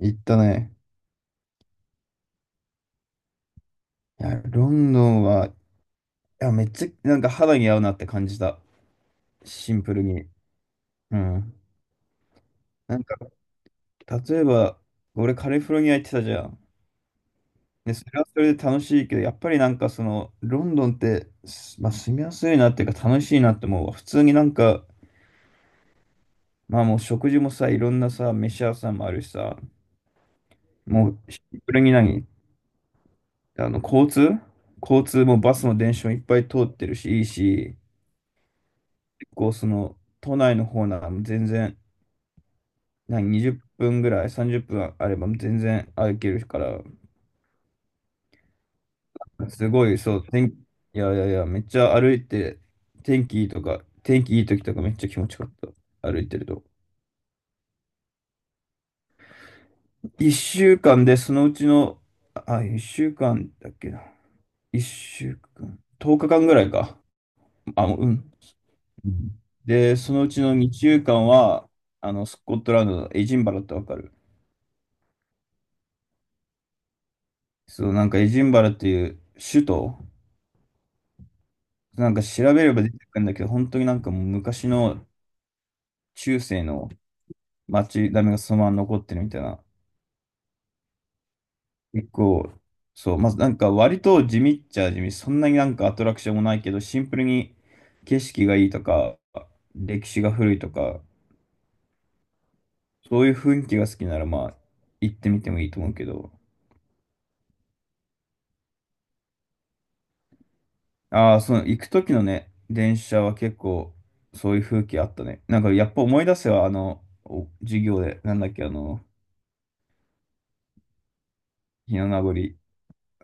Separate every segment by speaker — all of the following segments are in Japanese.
Speaker 1: 行ったね。ロンドンは、いや、めっちゃ、なんか肌に合うなって感じた。シンプルに。うん。なんか、例えば、俺カリフォルニア行ってたじゃん。で、それはそれで楽しいけど、やっぱりロンドンって、まあ、住みやすいなっていうか楽しいなって思うわ。普通になんか、まあもう食事もさ、いろんなさ、飯屋さんもあるしさ、もうシンプルに何あの、交通もバスも電車もいっぱい通ってるし、いいし、結構その、都内の方なら全然、何、20分ぐらい、30分あれば全然歩けるから、すごい、そう、天気、いやいやいや、めっちゃ歩いて、天気いい時とかめっちゃ気持ちよかった、歩いてると。1週間で、そのうちの、あ、1週間だっけな。1週間、10日間ぐらいか。あ、うん。うん。で、そのうちの2週間は、あの、スコットランドのエジンバラってわかる？そう、なんかエジンバラっていう首都、なんか調べれば出てくるんだけど、本当になんかもう昔の中世の町並みがそのまま残ってるみたいな。結構、そう、まずなんか割と地味っちゃ地味、そんなになんかアトラクションもないけど、シンプルに景色がいいとか、歴史が古いとか、そういう雰囲気が好きならまあ行ってみてもいいと思うけど。ああ、その行く時のね、電車は結構そういう風景あったね。なんかやっぱ思い出せはあの、お授業で、なんだっけ、あの、日の名残。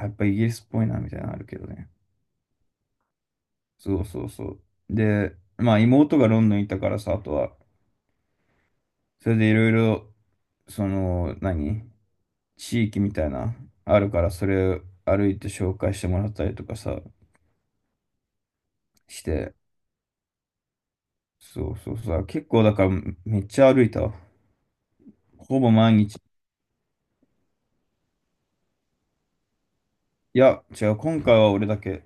Speaker 1: やっぱイギリスっぽいなみたいなのあるけどね。そうそうそう。で、まあ妹がロンドンにいたからさ、あとは、それでいろいろ、その、何地域みたいな、あるから、それを歩いて紹介してもらったりとかさ、して、そうそうそう。結構だから、めっちゃ歩いたわ。ほぼ毎日。いや、違う、今回は俺だけ。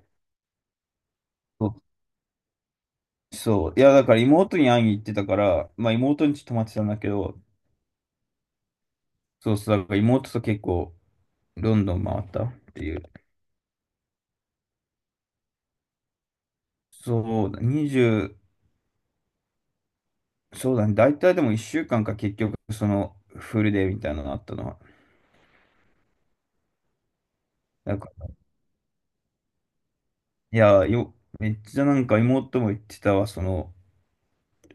Speaker 1: そうそう。いや、だから妹に会いに行ってたから、まあ妹に泊まってたんだけど、そうそう、だから妹と結構ロンドン回ったっていう。そうだ、20、そうだね、大体でも1週間かんか結局、その、フルデーみたいなのあったのは。なんか、いや、よ、めっちゃなんか妹も言ってたわ、その、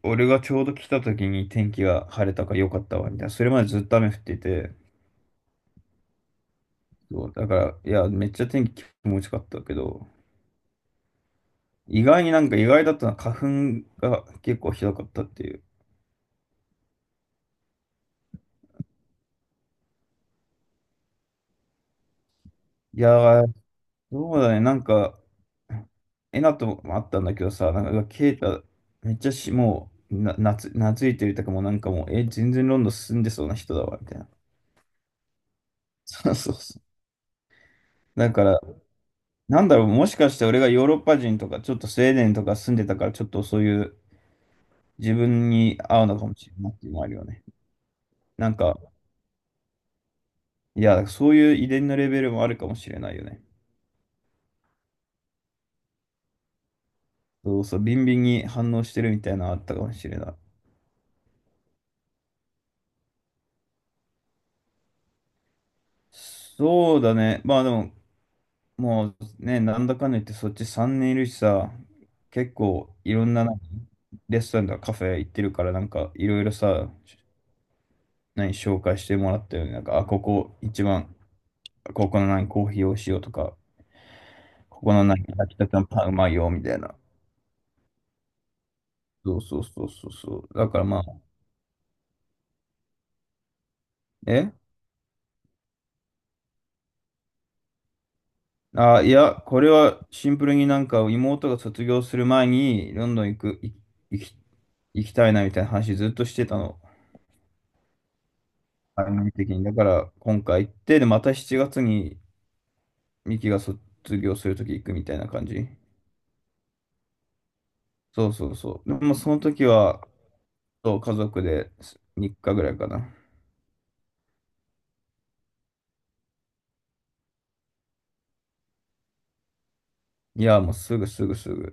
Speaker 1: 俺がちょうど来た時に天気が晴れたから良かったわ、みたいな。それまでずっと雨降ってて、そう、だから、いや、めっちゃ天気気持ちよかったけど、意外になんか意外だったのは花粉が結構ひどかったっていう。いやー、そうだね、なんか、えなともあったんだけどさ、なんか、ケイタ、めっちゃし、もう、な、なつ、懐いてるとかもうなんかもう、え、全然ロンドン住んでそうな人だわ、みたいな。そうそうそう。だから、なんだろう、もしかして俺がヨーロッパ人とか、ちょっとスウェーデンとか住んでたから、ちょっとそういう自分に合うのかもしれないっていうのもあるよね。なんか、そういう遺伝のレベルもあるかもしれないよね。そうそう、ビンビンに反応してるみたいなのあったかもしれない。そうだね。まあでも、もうね、なんだかんだ言ってそっち3年いるしさ、結構いろんななんかレストランとかカフェ行ってるから、なんかいろいろさ、何紹介してもらったよね。なんか、あ、ここ一番、ここの何コーヒーをしようとか、ここの何焼きたてのパンうまいよみたいな。そうそうそうそうそう。だからまあ、えいや、これはシンプルになんか妹が卒業する前にロンドン行く、い行き、行きたいなみたいな話ずっとしてたの。番組的に。だから、今回行って、で、また7月に、ミキが卒業するとき行くみたいな感じ。そうそうそう。でも、その時は、そう家族で3日ぐらいかな。いや、もうすぐすぐすぐ。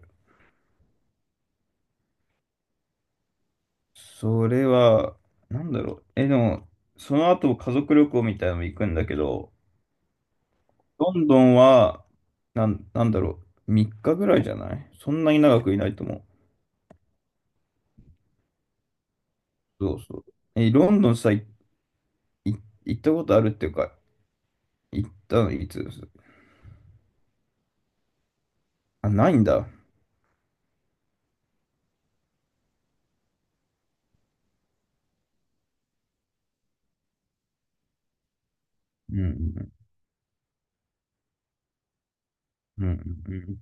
Speaker 1: それは、なんだろう。え、でも、その後、家族旅行みたいなのも行くんだけど、ロンドンは、なんだろう。3日ぐらいじゃない？そんなに長くいないと思う。そうそう。え、ロンドンさ、い行ったことあるっていうか、行ったのいつです？あ、ないんだ。うん、うん、うん、うん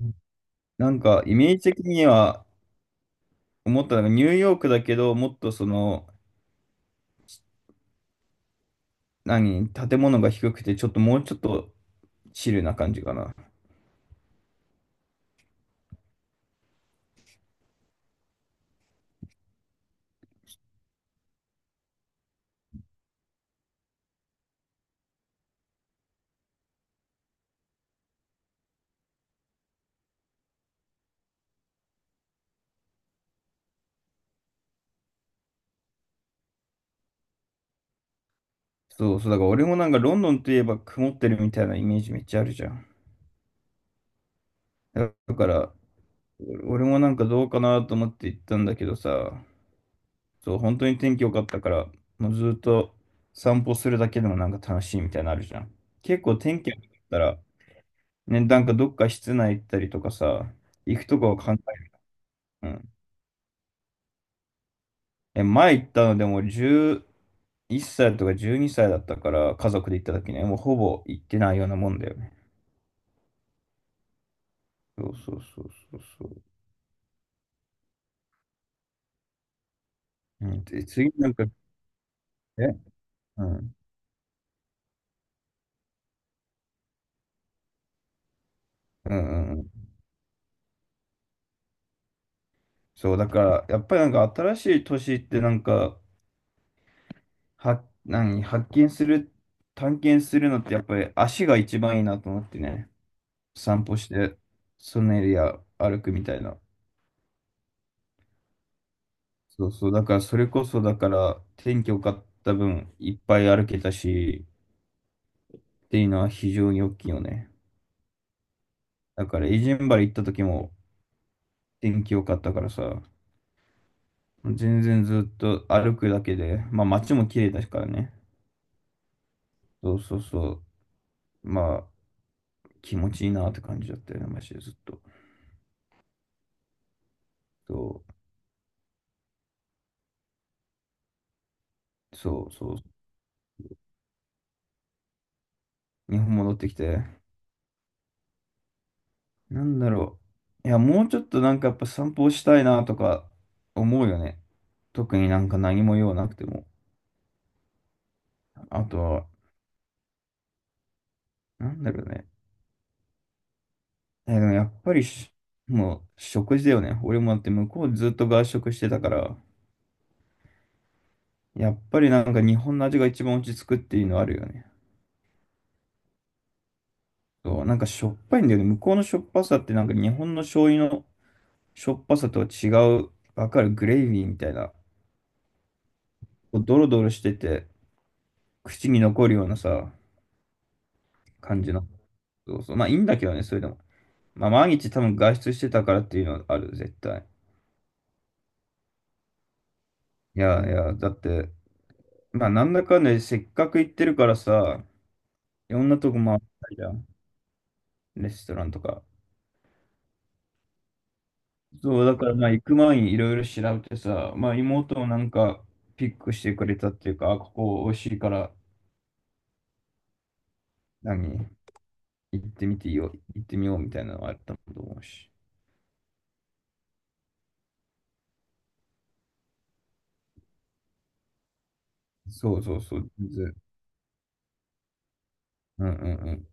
Speaker 1: うん。なんか、イメージ的には思ったのが、ニューヨークだけど、もっとその、何、建物が低くて、ちょっともうちょっとチルな感じかな。そうそう、だから俺もなんかロンドンといえば曇ってるみたいなイメージめっちゃあるじゃん。だから、俺もなんかどうかなと思って行ったんだけどさ、そう、本当に天気良かったから、もうずっと散歩するだけでもなんか楽しいみたいなのあるじゃん。結構天気良かったら、ね、なんかどっか室内行ったりとかさ、行くとこを考え、うん。え、前行ったのでも11歳とか12歳だったから、家族で行った時ね、もうほぼ行ってないようなもんだよね。そうそうそうそうそう。うん、で、次なんか、え、うん、うん、うん。そう、だから、やっぱりなんか新しい年ってなんか、は、何、発見する、探検するのってやっぱり足が一番いいなと思ってね、散歩して、そのエリア歩くみたいな。そうそう、だからそれこそ、だから天気良かった分、いっぱい歩けたし、っていうのは非常に大きいよね。だから、エジンバル行った時も天気良かったからさ、全然ずっと歩くだけで、まあ街も綺麗だからね。そうそうそう、まあ気持ちいいなって感じだったよね、マジでずっと。そう、そうそう、日本戻ってきて、なんだろう。いや、もうちょっとなんかやっぱ散歩したいなとか思うよね。特になんか何も用なくても。あとはなんだろうね。え、でもやっぱりもう食事だよね。俺もだって向こうずっと外食してたから、やっぱりなんか日本の味が一番落ち着くっていうのあるよね。そう、なんかしょっぱいんだよね。向こうのしょっぱさってなんか日本の醤油のしょっぱさとは違う、わかる？グレイビーみたいな、こうドロドロしてて、口に残るようなさ、感じの。そうそう。まあいいんだけどね、それでも。まあ毎日多分外出してたからっていうのはある、絶対。いやいや、だって、まあなんだかんだでせっかく行ってるからさ、いろんなとこ回ったりだ。レストランとか。そう、だからまあ行く前にいろいろ調べてさ、まあ妹もなんかピックしてくれたっていうか、あ、ここ美味しいから、何、行ってみていいよ、行ってみようみたいなのがあったと思うし。そうそうそう、全然。うんうん